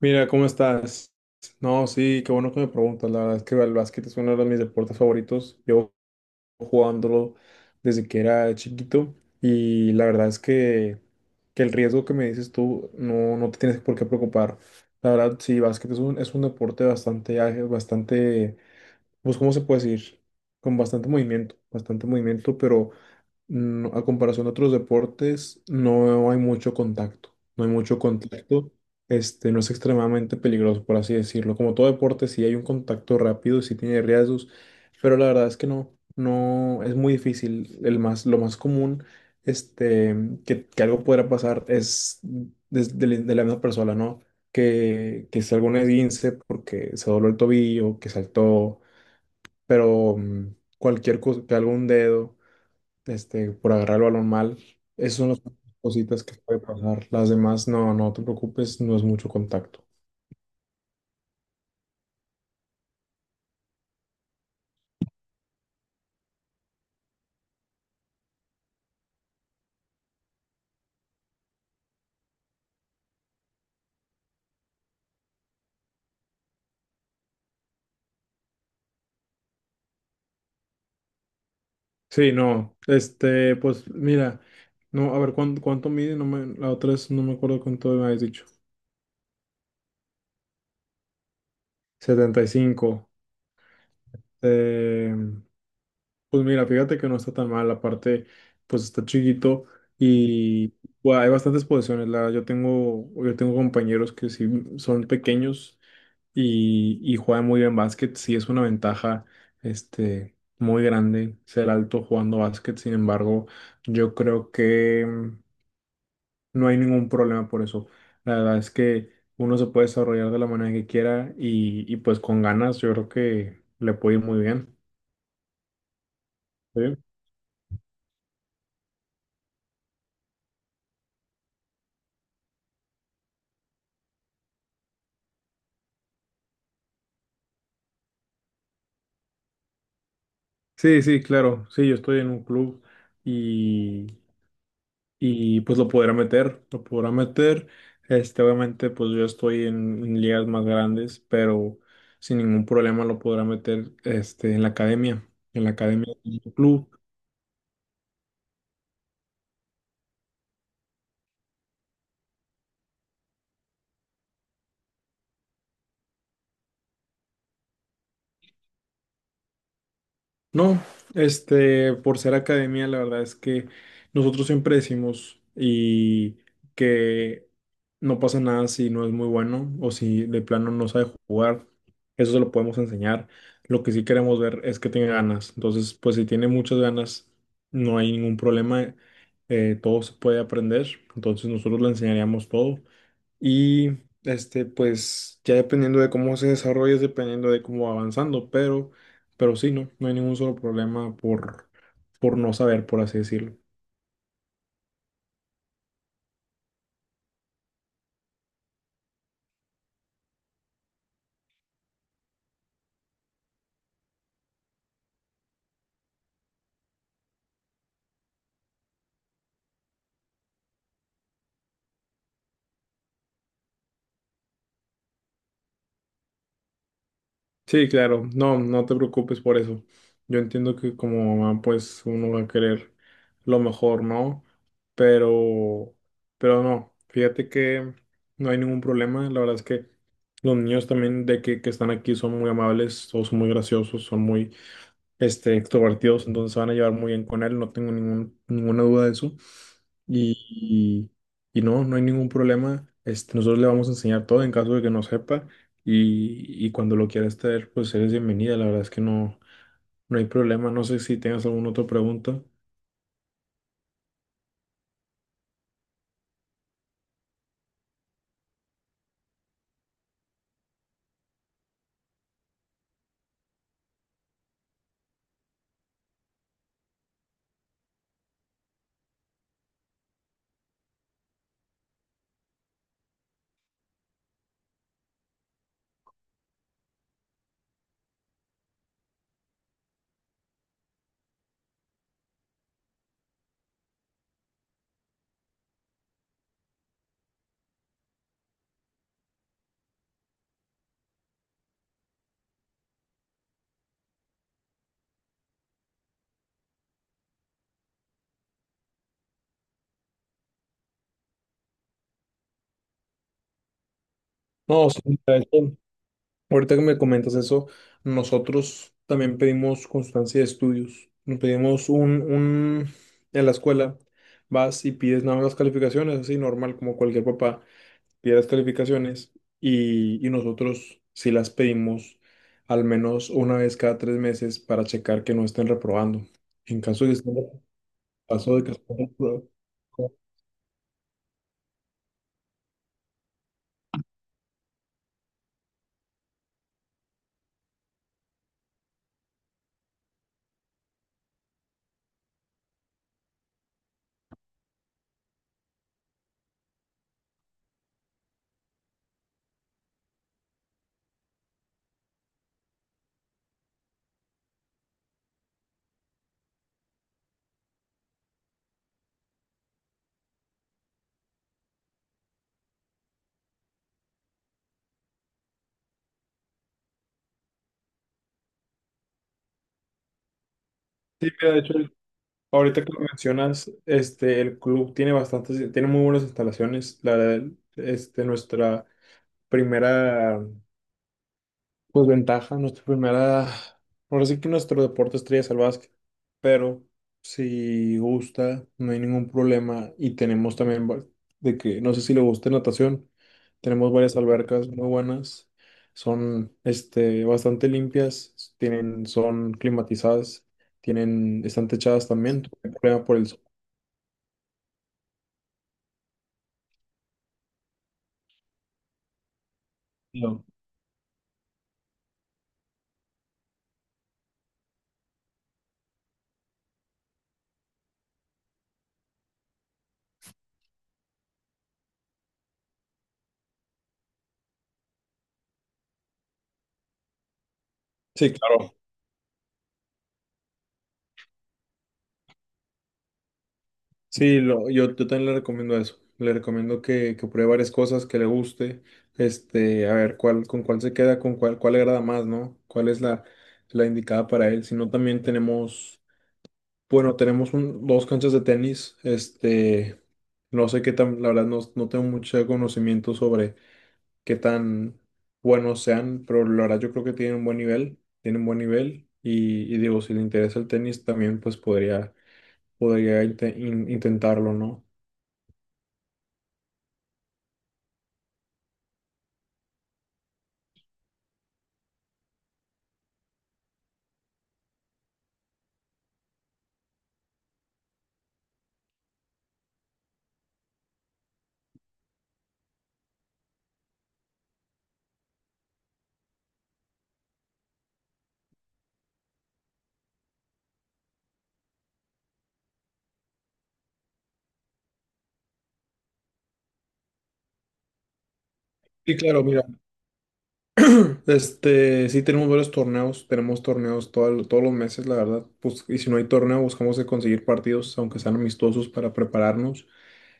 Mira, ¿cómo estás? No, sí, qué bueno que me preguntas. La verdad es que el básquet es uno de mis deportes favoritos. Yo jugándolo desde que era chiquito y la verdad es que el riesgo que me dices tú no, no te tienes por qué preocupar. La verdad, sí, básquet es un deporte bastante ágil, bastante, pues, ¿cómo se puede decir? Con bastante movimiento, pero a comparación de otros deportes, no hay mucho contacto. No hay mucho contacto. No es extremadamente peligroso, por así decirlo. Como todo deporte, si hay un contacto rápido, si tiene riesgos, pero la verdad es que no, no, es muy difícil. El más, lo más común, este, que algo podrá pasar es de la misma persona, ¿no? Que salga un esguince porque se dobló el tobillo, que saltó, pero cualquier cosa, que algún dedo por agarrar el balón mal. Esas son las cositas que puede pasar. Las demás, no, no te preocupes, no es mucho contacto. Sí, no, pues mira, no, a ver, ¿cuánto mide? No me, la otra vez no me acuerdo cuánto me habías dicho. 75. Eh, pues mira, fíjate que no está tan mal, aparte, pues está chiquito y bueno, hay bastantes posiciones. La, yo tengo compañeros que sí son pequeños y juega muy bien básquet, sí es una ventaja muy grande ser alto jugando básquet, sin embargo, yo creo que no hay ningún problema por eso. La verdad es que uno se puede desarrollar de la manera que quiera y pues con ganas yo creo que le puede ir muy bien. ¿Sí? Sí, sí, claro. Sí, yo estoy en un club y y pues lo podrá meter, lo podrá meter. Obviamente, pues yo estoy en ligas más grandes, pero sin ningún problema lo podrá meter en la academia del club. No, por ser academia, la verdad es que nosotros siempre decimos y que no pasa nada si no es muy bueno o si de plano no sabe jugar. Eso se lo podemos enseñar. Lo que sí queremos ver es que tenga ganas. Entonces, pues si tiene muchas ganas, no hay ningún problema. Todo se puede aprender. Entonces, nosotros le enseñaríamos todo. Y pues ya dependiendo de cómo se desarrolle, es dependiendo de cómo va avanzando, pero sí, no, no hay ningún solo problema por no saber, por así decirlo. Sí, claro, no, no te preocupes por eso. Yo entiendo que como mamá, pues uno va a querer lo mejor, ¿no? Pero, pero no, fíjate que no hay ningún problema. La verdad es que los niños también de que están aquí son muy amables, todos son muy graciosos, son muy extrovertidos, entonces se van a llevar muy bien con él, no tengo ningún, ninguna duda de eso. Y, y no, no hay ningún problema. Nosotros le vamos a enseñar todo en caso de que no sepa. Y cuando lo quieras traer, pues eres bienvenida. La verdad es que no, no hay problema. No sé si tengas alguna otra pregunta. No, sí, de hecho, ahorita que me comentas eso, nosotros también pedimos constancia de estudios. Nos pedimos un, en la escuela, vas y pides nada más las calificaciones, así normal, como cualquier papá. Pide las calificaciones y nosotros sí las pedimos al menos una vez cada tres meses para checar que no estén reprobando. En caso de que estén reprobando, pasó de que estén reprobando. Sí, mira, de hecho, ahorita que lo mencionas, el club tiene bastantes, tiene muy buenas instalaciones. La, nuestra primera. Pues ventaja, nuestra primera. Ahora sí que nuestro deporte estrella es el básquet, pero si gusta, no hay ningún problema. Y tenemos también de que, no sé si le gusta natación, tenemos varias albercas muy buenas, son bastante limpias, tienen, son climatizadas, tienen, están techadas también, no hay problema por el sol. No. Sí, claro. Sí, lo, yo también le recomiendo eso. Le recomiendo que pruebe varias cosas que le guste. A ver cuál, con cuál se queda, con cuál, cuál le agrada más, ¿no? ¿Cuál es la, la indicada para él? Si no, también tenemos, bueno, tenemos dos canchas de tenis. No sé qué tan, la verdad, no, no tengo mucho conocimiento sobre qué tan buenos sean, pero la verdad yo creo que tienen un buen nivel, tienen buen nivel. Y digo, si le interesa el tenis, también pues podría, podría intentarlo, ¿no? Sí, claro, mira, sí tenemos varios torneos, tenemos torneos todos los meses, la verdad, pues, y si no hay torneo, buscamos de conseguir partidos, aunque sean amistosos, para prepararnos.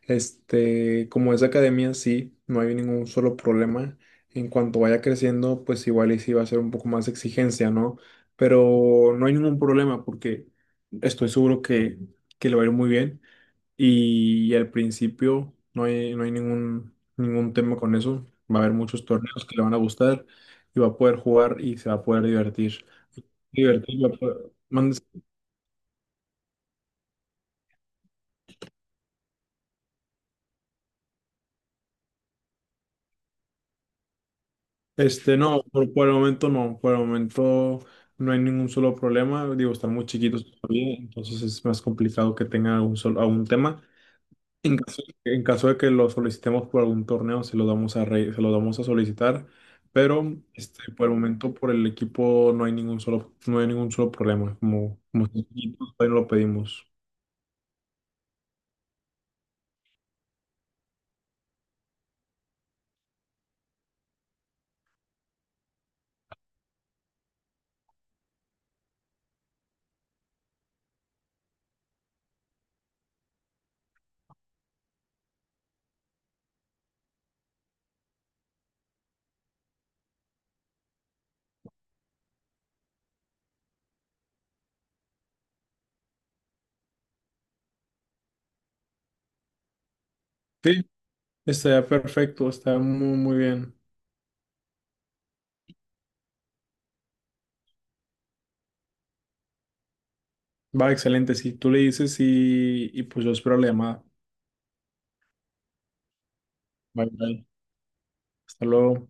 Como es academia, sí, no hay ningún solo problema. En cuanto vaya creciendo, pues igual y sí va a ser un poco más exigencia, ¿no? Pero no hay ningún problema porque estoy seguro que le va a ir muy bien. Y al principio no hay, no hay ningún, ningún tema con eso. Va a haber muchos torneos que le van a gustar y va a poder jugar y se va a poder divertir. Divertir, va a poder- mande- No, por el momento no. Por el momento no hay ningún solo problema. Digo, están muy chiquitos todavía, entonces es más complicado que tengan algún solo, algún tema. En caso de que lo solicitemos por algún torneo, se lo damos a se lo damos a solicitar, pero por el momento por el equipo no hay ningún solo, no hay ningún solo problema, como, como está chiquito, todavía no lo pedimos. Sí, está perfecto, está muy, muy bien. Va, excelente, si tú le dices y pues yo espero la llamada. Bye, bye. Hasta luego.